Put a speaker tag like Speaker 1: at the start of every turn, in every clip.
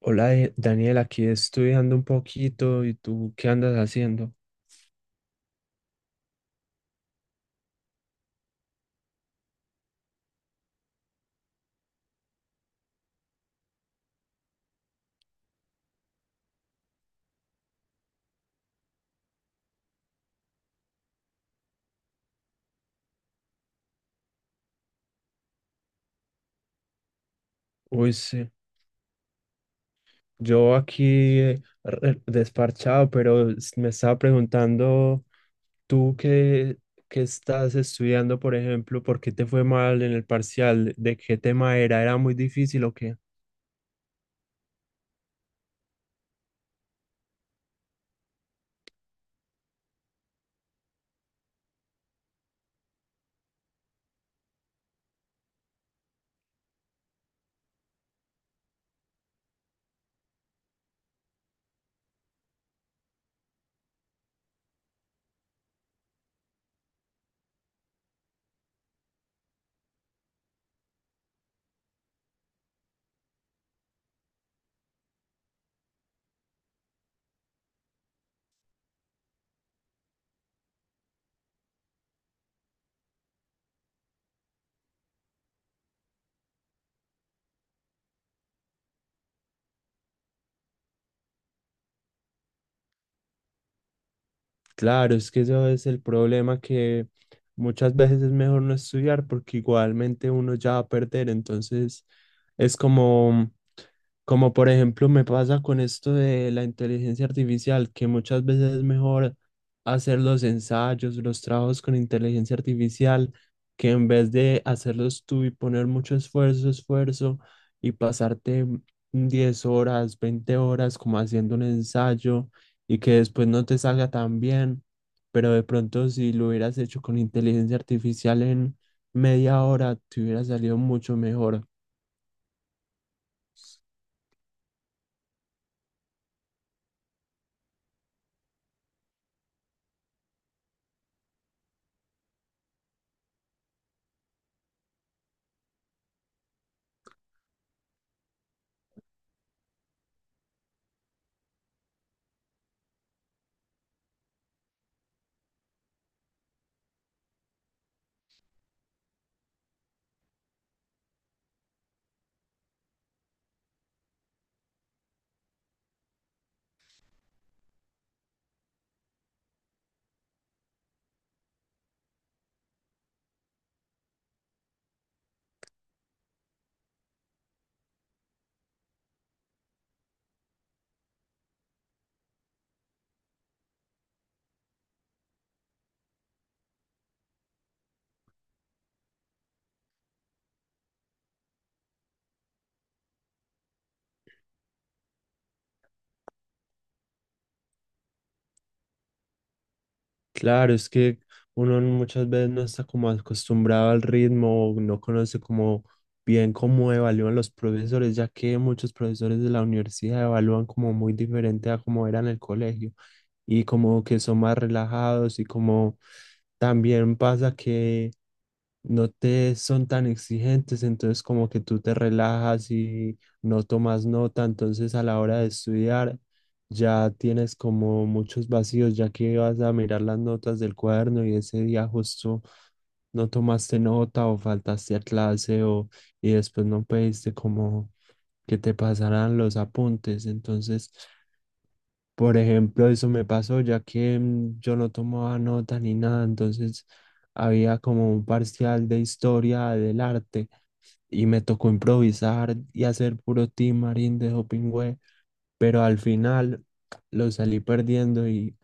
Speaker 1: Hola Daniel, aquí estudiando un poquito y tú qué andas haciendo. Uy, sí, yo aquí desparchado, pero me estaba preguntando tú qué, qué estás estudiando, por ejemplo, ¿por qué te fue mal en el parcial? ¿De qué tema era? ¿Era muy difícil o qué? Claro, es que eso es el problema, que muchas veces es mejor no estudiar porque igualmente uno ya va a perder. Entonces es como, como por ejemplo me pasa con esto de la inteligencia artificial, que muchas veces es mejor hacer los ensayos, los trabajos con inteligencia artificial, que en vez de hacerlos tú y poner mucho esfuerzo y pasarte 10 horas, 20 horas como haciendo un ensayo y que después no te salga tan bien, pero de pronto si lo hubieras hecho con inteligencia artificial en media hora, te hubiera salido mucho mejor. Claro, es que uno muchas veces no está como acostumbrado al ritmo, o no conoce como bien cómo evalúan los profesores, ya que muchos profesores de la universidad evalúan como muy diferente a como era en el colegio y como que son más relajados y como también pasa que no te son tan exigentes, entonces como que tú te relajas y no tomas nota. Entonces a la hora de estudiar ya tienes como muchos vacíos, ya que vas a mirar las notas del cuaderno y ese día justo no tomaste nota o faltaste a clase o y después no pediste como que te pasaran los apuntes. Entonces, por ejemplo, eso me pasó ya que yo no tomaba nota ni nada, entonces había como un parcial de historia del arte y me tocó improvisar y hacer puro team marín de Hopingüe, pero al final lo salí perdiendo y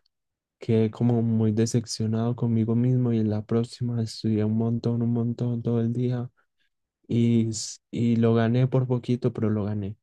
Speaker 1: quedé como muy decepcionado conmigo mismo, y en la próxima estudié un montón todo el día y lo gané por poquito, pero lo gané.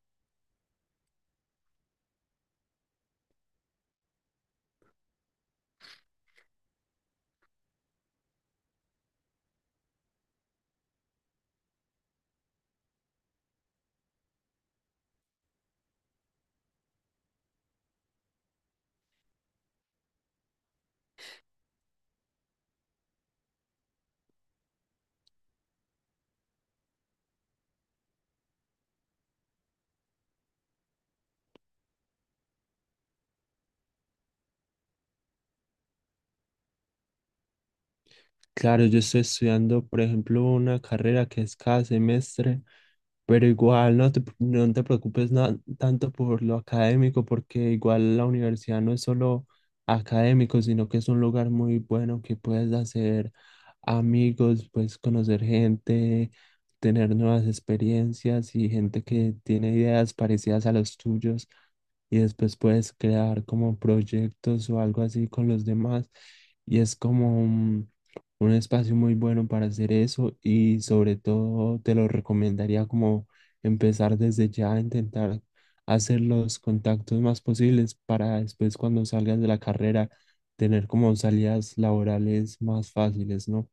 Speaker 1: Claro, yo estoy estudiando, por ejemplo, una carrera que es cada semestre. Pero igual no te preocupes tanto por lo académico, porque igual la universidad no es solo académico, sino que es un lugar muy bueno que puedes hacer amigos, puedes conocer gente, tener nuevas experiencias y gente que tiene ideas parecidas a los tuyos y después puedes crear como proyectos o algo así con los demás. Y es como, un espacio muy bueno para hacer eso, y sobre todo te lo recomendaría como empezar desde ya a intentar hacer los contactos más posibles para después cuando salgas de la carrera tener como salidas laborales más fáciles, ¿no?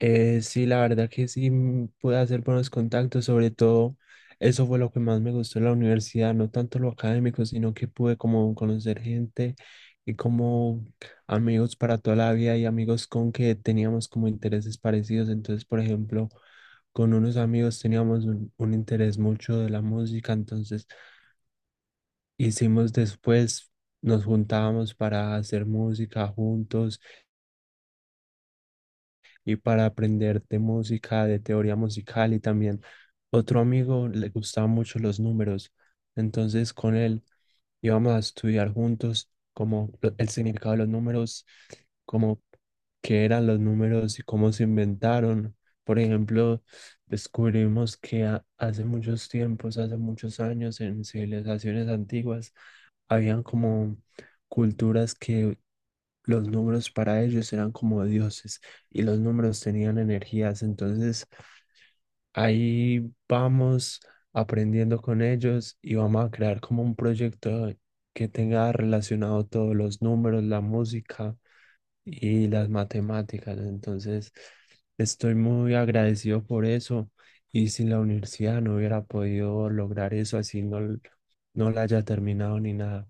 Speaker 1: Sí, la verdad que sí, pude hacer buenos contactos, sobre todo eso fue lo que más me gustó en la universidad, no tanto lo académico, sino que pude como conocer gente y como amigos para toda la vida y amigos con que teníamos como intereses parecidos. Entonces, por ejemplo, con unos amigos teníamos un interés mucho de la música, entonces hicimos después, nos juntábamos para hacer música juntos y para aprender de música, de teoría musical, y también otro amigo le gustaban mucho los números. Entonces con él íbamos a estudiar juntos como el significado de los números, como qué eran los números y cómo se inventaron. Por ejemplo, descubrimos que hace muchos tiempos, hace muchos años, en civilizaciones antiguas, habían como culturas que los números para ellos eran como dioses y los números tenían energías. Entonces ahí vamos aprendiendo con ellos y vamos a crear como un proyecto que tenga relacionado todos los números, la música y las matemáticas. Entonces estoy muy agradecido por eso, y sin la universidad no hubiera podido lograr eso así no, no la haya terminado ni nada.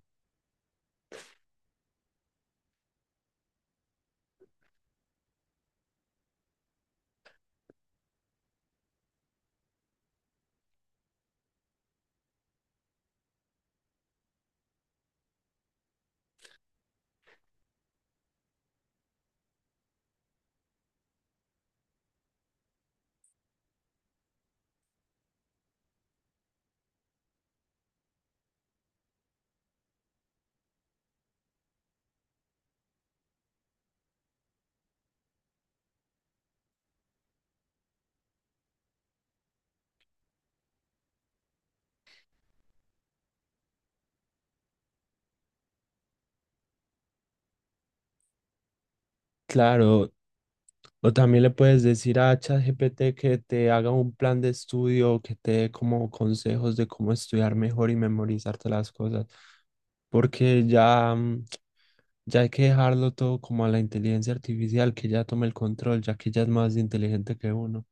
Speaker 1: Claro. O también le puedes decir a ChatGPT que te haga un plan de estudio, que te dé como consejos de cómo estudiar mejor y memorizarte las cosas, porque ya, ya hay que dejarlo todo como a la inteligencia artificial, que ya tome el control, ya que ella es más inteligente que uno.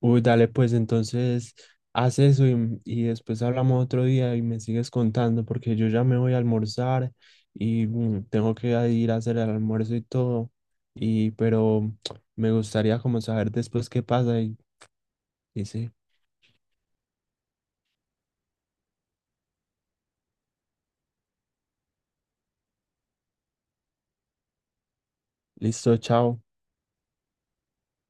Speaker 1: Uy, dale, pues entonces haz eso y después hablamos otro día y me sigues contando, porque yo ya me voy a almorzar y tengo que ir a hacer el almuerzo y todo. Y pero me gustaría como saber después qué pasa y sí listo, chao.